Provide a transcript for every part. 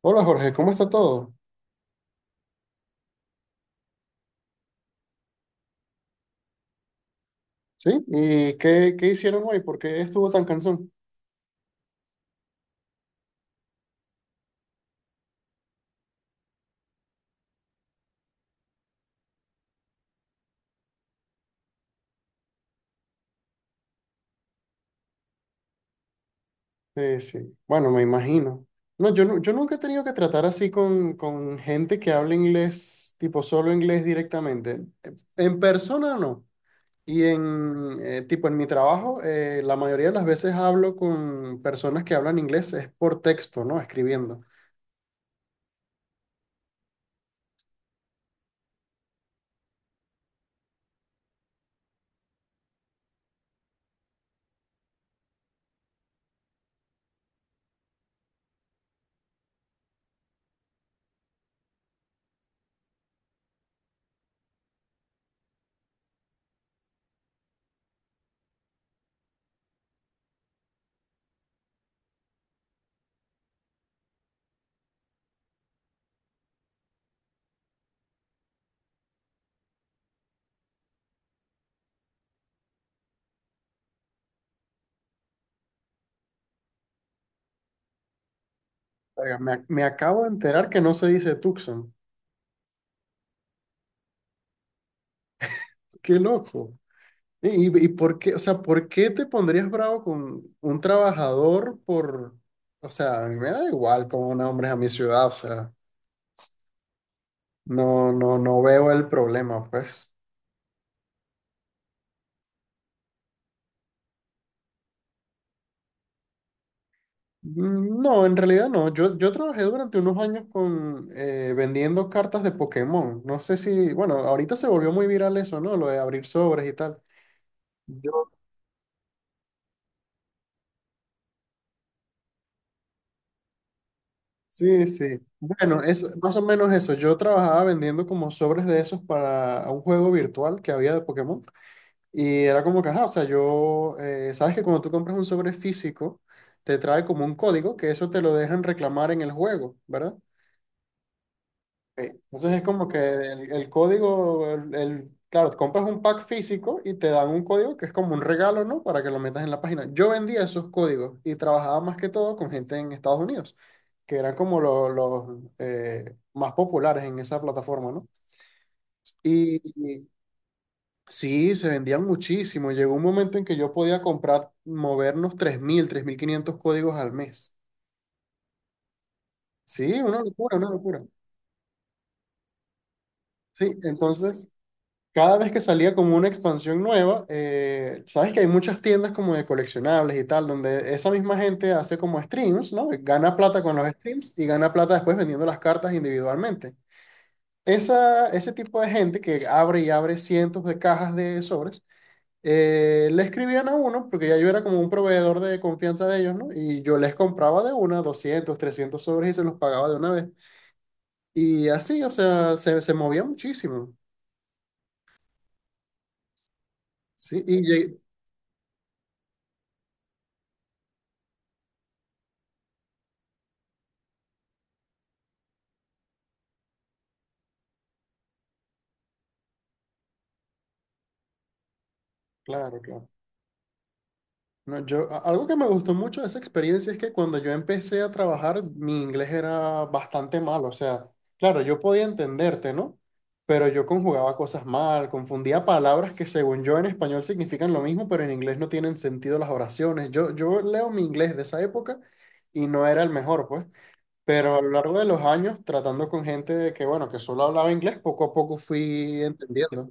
Hola Jorge, ¿cómo está todo? ¿Sí? ¿Y qué hicieron hoy? ¿Por qué estuvo tan cansón? Sí, bueno, me imagino. No, yo nunca he tenido que tratar así con gente que habla inglés, tipo solo inglés directamente. En persona no. Y en mi trabajo, la mayoría de las veces hablo con personas que hablan inglés, es por texto, ¿no? Escribiendo. Oiga, me acabo de enterar que no se dice Tucson. ¡Qué loco! ¿Y por qué, o sea, por qué te pondrías bravo con un trabajador por, o sea, a mí me da igual cómo nombres a mi ciudad, o sea, no, no, no veo el problema, pues. Mm, no, en realidad no. Yo trabajé durante unos años con vendiendo cartas de Pokémon. No sé si, bueno, ahorita se volvió muy viral eso, ¿no? Lo de abrir sobres y tal. Yo, sí, sí. Bueno, es más o menos eso. Yo trabajaba vendiendo como sobres de esos para un juego virtual que había de Pokémon. Y era como que, ajá, o sea, sabes que cuando tú compras un sobre físico, te trae como un código que eso te lo dejan reclamar en el juego, ¿verdad? Ok, entonces es como que el código, claro, compras un pack físico y te dan un código que es como un regalo, ¿no? Para que lo metas en la página. Yo vendía esos códigos y trabajaba más que todo con gente en Estados Unidos, que eran como los más populares en esa plataforma, ¿no? Y, Sí, se vendían muchísimo. Llegó un momento en que yo podía comprar, movernos tres mil, 3.500 códigos al mes. Sí, una locura, una locura. Sí, entonces, cada vez que salía como una expansión nueva, sabes que hay muchas tiendas como de coleccionables y tal, donde esa misma gente hace como streams, ¿no? Gana plata con los streams y gana plata después vendiendo las cartas individualmente. Ese tipo de gente que abre y abre cientos de cajas de sobres. Le escribían a uno, porque ya yo era como un proveedor de confianza de ellos, ¿no? Y yo les compraba de una, 200, 300 sobres y se los pagaba de una vez. Y así, o sea, se movía muchísimo. Sí, claro, claro. No, algo que me gustó mucho de esa experiencia es que cuando yo empecé a trabajar, mi inglés era bastante malo. O sea, claro, yo podía entenderte, ¿no? Pero yo conjugaba cosas mal, confundía palabras que según yo en español significan lo mismo, pero en inglés no tienen sentido las oraciones. Yo leo mi inglés de esa época y no era el mejor, pues. Pero a lo largo de los años, tratando con gente bueno, que solo hablaba inglés, poco a poco fui entendiendo.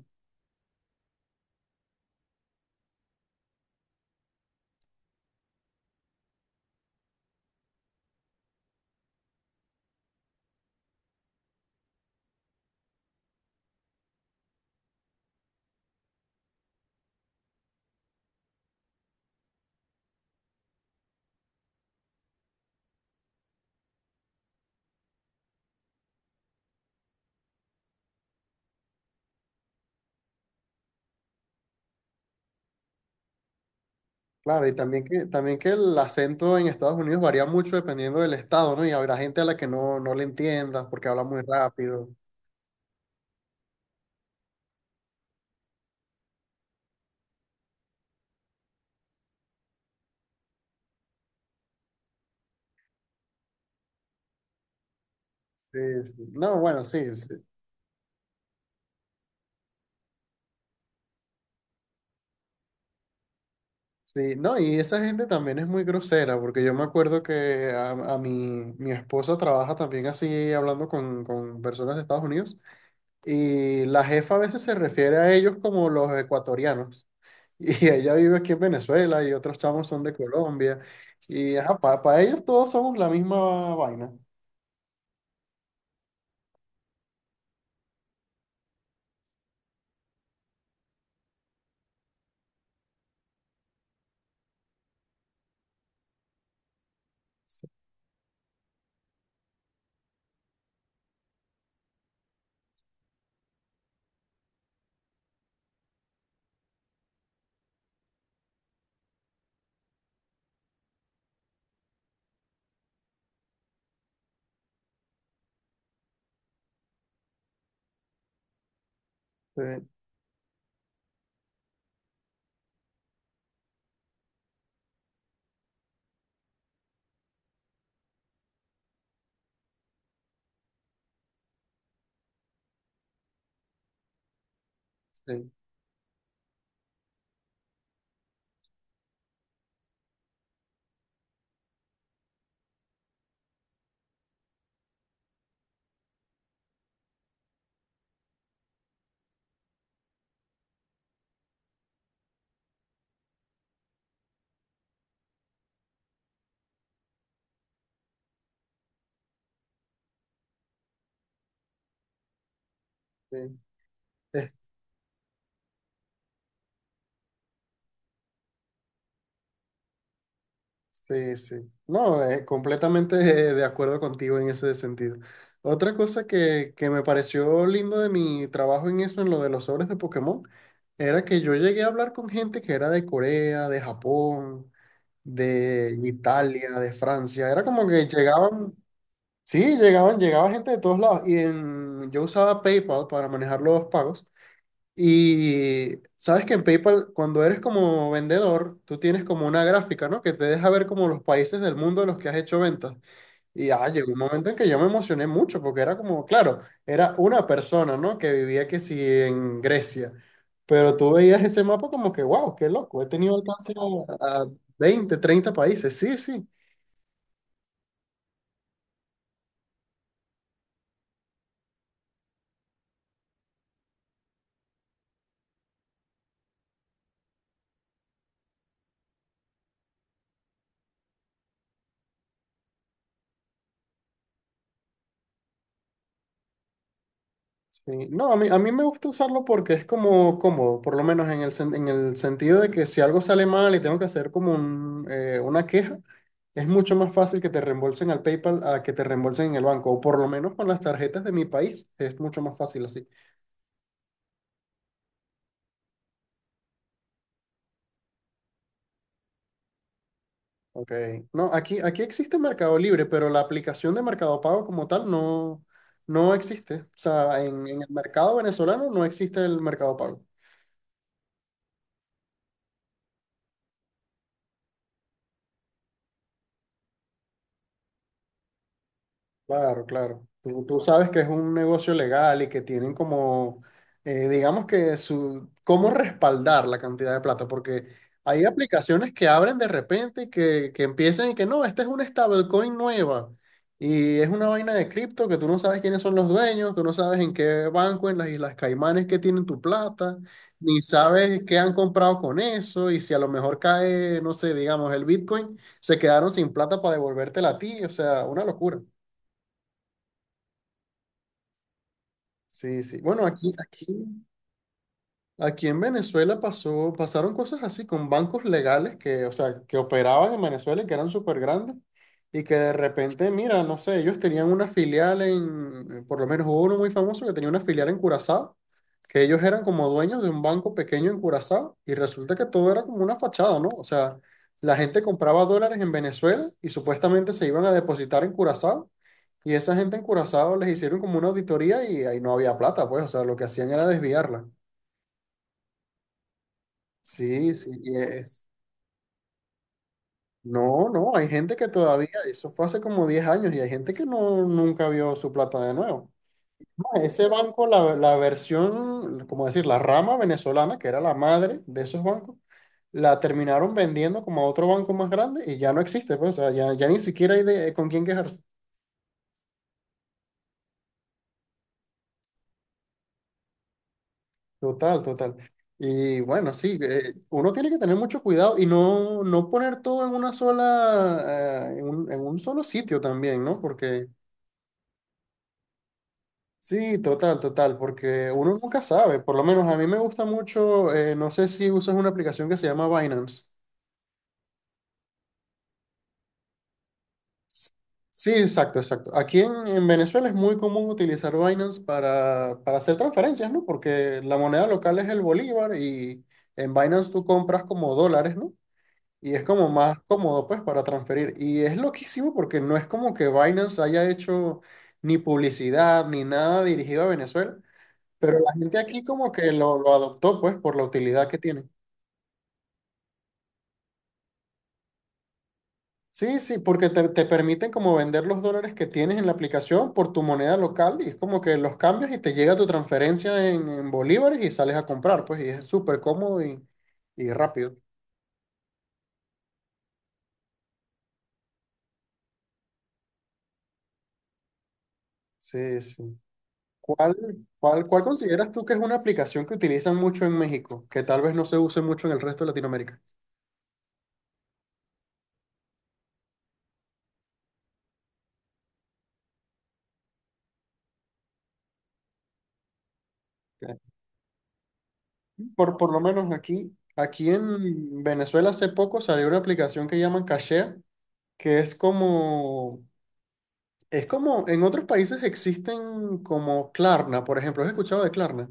Claro, y también que el acento en Estados Unidos varía mucho dependiendo del estado, ¿no? Y habrá gente a la que no le entiendas porque habla muy rápido. Sí, sí. No, bueno, sí, sí, sí. No, y esa gente también es muy grosera, porque yo me acuerdo que a mi esposa trabaja también así hablando con personas de Estados Unidos, y la jefa a veces se refiere a ellos como los ecuatorianos. Y ella vive aquí en Venezuela y otros chamos son de Colombia. Y ajá, para ellos todos somos la misma vaina. Sí, sí, sí. Es- sí, sí. No, completamente de acuerdo contigo en ese sentido. Otra cosa que me pareció lindo de mi trabajo en eso, en lo de los sobres de Pokémon, era que yo llegué a hablar con gente que era de Corea, de Japón, de Italia, de Francia. Era como que llegaban, sí, llegaba gente de todos lados. Yo usaba PayPal para manejar los pagos. Y sabes que en PayPal, cuando eres como vendedor, tú tienes como una gráfica, ¿no? Que te deja ver como los países del mundo en los que has hecho ventas. Y llegó un momento en que yo me emocioné mucho porque era como, claro, era una persona, ¿no? Que vivía que sí en Grecia. Pero tú veías ese mapa como que, wow, qué loco, he tenido alcance a 20, 30 países. Sí, sí. Sí, no, a mí me gusta usarlo porque es como cómodo, por lo menos en el sentido de que si algo sale mal y tengo que hacer como una queja, es mucho más fácil que te reembolsen al PayPal a que te reembolsen en el banco, o por lo menos con las tarjetas de mi país es mucho más fácil así. Ok, no, aquí existe Mercado Libre, pero la aplicación de Mercado Pago como tal no existe. O sea, en el mercado venezolano no existe el Mercado Pago. Claro, claro. Tú sabes que es un negocio legal y que tienen como, digamos que cómo respaldar la cantidad de plata, porque hay aplicaciones que abren de repente y que empiezan y que no, esta es una stablecoin nueva y es una vaina de cripto que tú no sabes quiénes son los dueños, tú no sabes en qué banco, en las Islas Caimanes que tienen tu plata, ni sabes qué han comprado con eso y si a lo mejor cae, no sé, digamos, el Bitcoin, se quedaron sin plata para devolvértela a ti, o sea, una locura. Sí, sí. Bueno, aquí en Venezuela pasaron cosas así con bancos legales que, o sea, que operaban en Venezuela y que eran súper grandes y que de repente, mira, no sé, ellos tenían una filial por lo menos hubo uno muy famoso que tenía una filial en Curazao, que ellos eran como dueños de un banco pequeño en Curazao y resulta que todo era como una fachada, ¿no? O sea, la gente compraba dólares en Venezuela y supuestamente se iban a depositar en Curazao y esa gente en Curazao les hicieron como una auditoría y ahí no había plata, pues, o sea, lo que hacían era desviarla. Sí, sí, y es. No, no, hay gente que todavía, eso fue hace como 10 años y hay gente que no, nunca vio su plata de nuevo. No, ese banco, la versión, como decir, la rama venezolana, que era la madre de esos bancos, la terminaron vendiendo como a otro banco más grande y ya no existe, pues, o sea, ya ni siquiera hay con quién quejarse. Total, total. Y bueno, sí, uno tiene que tener mucho cuidado y no poner todo en una sola, en un solo sitio también, ¿no? Porque sí, total, total, porque uno nunca sabe. Por lo menos a mí me gusta mucho, no sé si usas una aplicación que se llama Binance. Sí, exacto, exacto. Aquí en Venezuela es muy común utilizar Binance para hacer transferencias, ¿no? Porque la moneda local es el bolívar y en Binance tú compras como dólares, ¿no? Y es como más cómodo, pues, para transferir. Y es loquísimo porque no es como que Binance haya hecho ni publicidad ni nada dirigido a Venezuela, pero la gente aquí como que lo adoptó, pues, por la utilidad que tiene. Sí, sí, porque te permiten como vender los dólares que tienes en la aplicación por tu moneda local y es como que los cambias y te llega tu transferencia en bolívares y sales a comprar, pues, y es súper cómodo y rápido. Sí, sí. ¿Cuál, cuál consideras tú que es una aplicación que utilizan mucho en México, que tal vez no se use mucho en el resto de Latinoamérica? Por lo menos aquí en Venezuela hace poco salió una aplicación que llaman Cachea, que en otros países existen como Klarna, por ejemplo, ¿has escuchado de Klarna?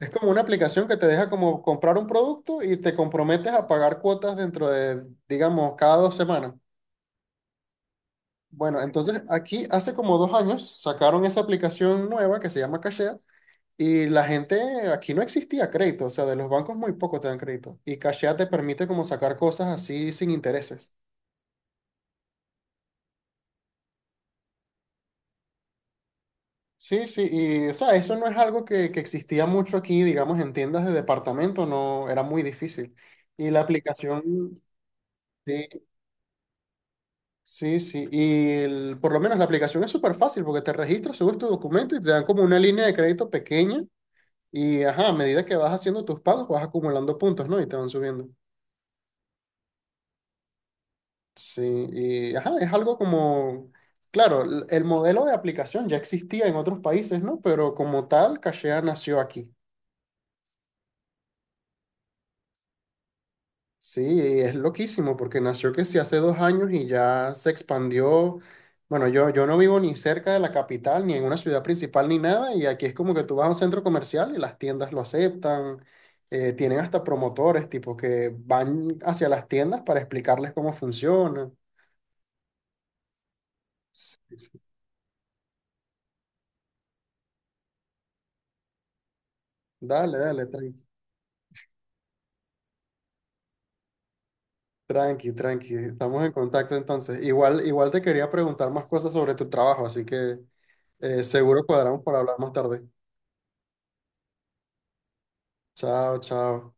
Es como una aplicación que te deja como comprar un producto y te comprometes a pagar cuotas dentro de, digamos, cada 2 semanas. Bueno, entonces aquí hace como 2 años sacaron esa aplicación nueva que se llama Cashea y la gente, aquí no existía crédito, o sea, de los bancos muy poco te dan crédito y Cashea te permite como sacar cosas así sin intereses. Sí, sí, y o sea, eso no es algo que existía mucho aquí, digamos, en tiendas de departamento, no, era muy difícil. Y la aplicación, sí, sí, sí, por lo menos la aplicación es súper fácil porque te registras, subes tu documento y te dan como una línea de crédito pequeña. Y ajá, a medida que vas haciendo tus pagos, vas acumulando puntos, ¿no? Y te van subiendo. Sí, y ajá, es algo como, claro, el modelo de aplicación ya existía en otros países, ¿no? Pero como tal, Cachea nació aquí. Sí, es loquísimo porque nació que sí hace 2 años y ya se expandió. Bueno, yo no vivo ni cerca de la capital, ni en una ciudad principal, ni nada. Y aquí es como que tú vas a un centro comercial y las tiendas lo aceptan. Tienen hasta promotores, tipo, que van hacia las tiendas para explicarles cómo funciona. Sí, sí. Dale, dale, tranqui, tranqui, tranqui. Estamos en contacto entonces. Igual, igual te quería preguntar más cosas sobre tu trabajo, así que seguro cuadramos para hablar más tarde. Chao, chao.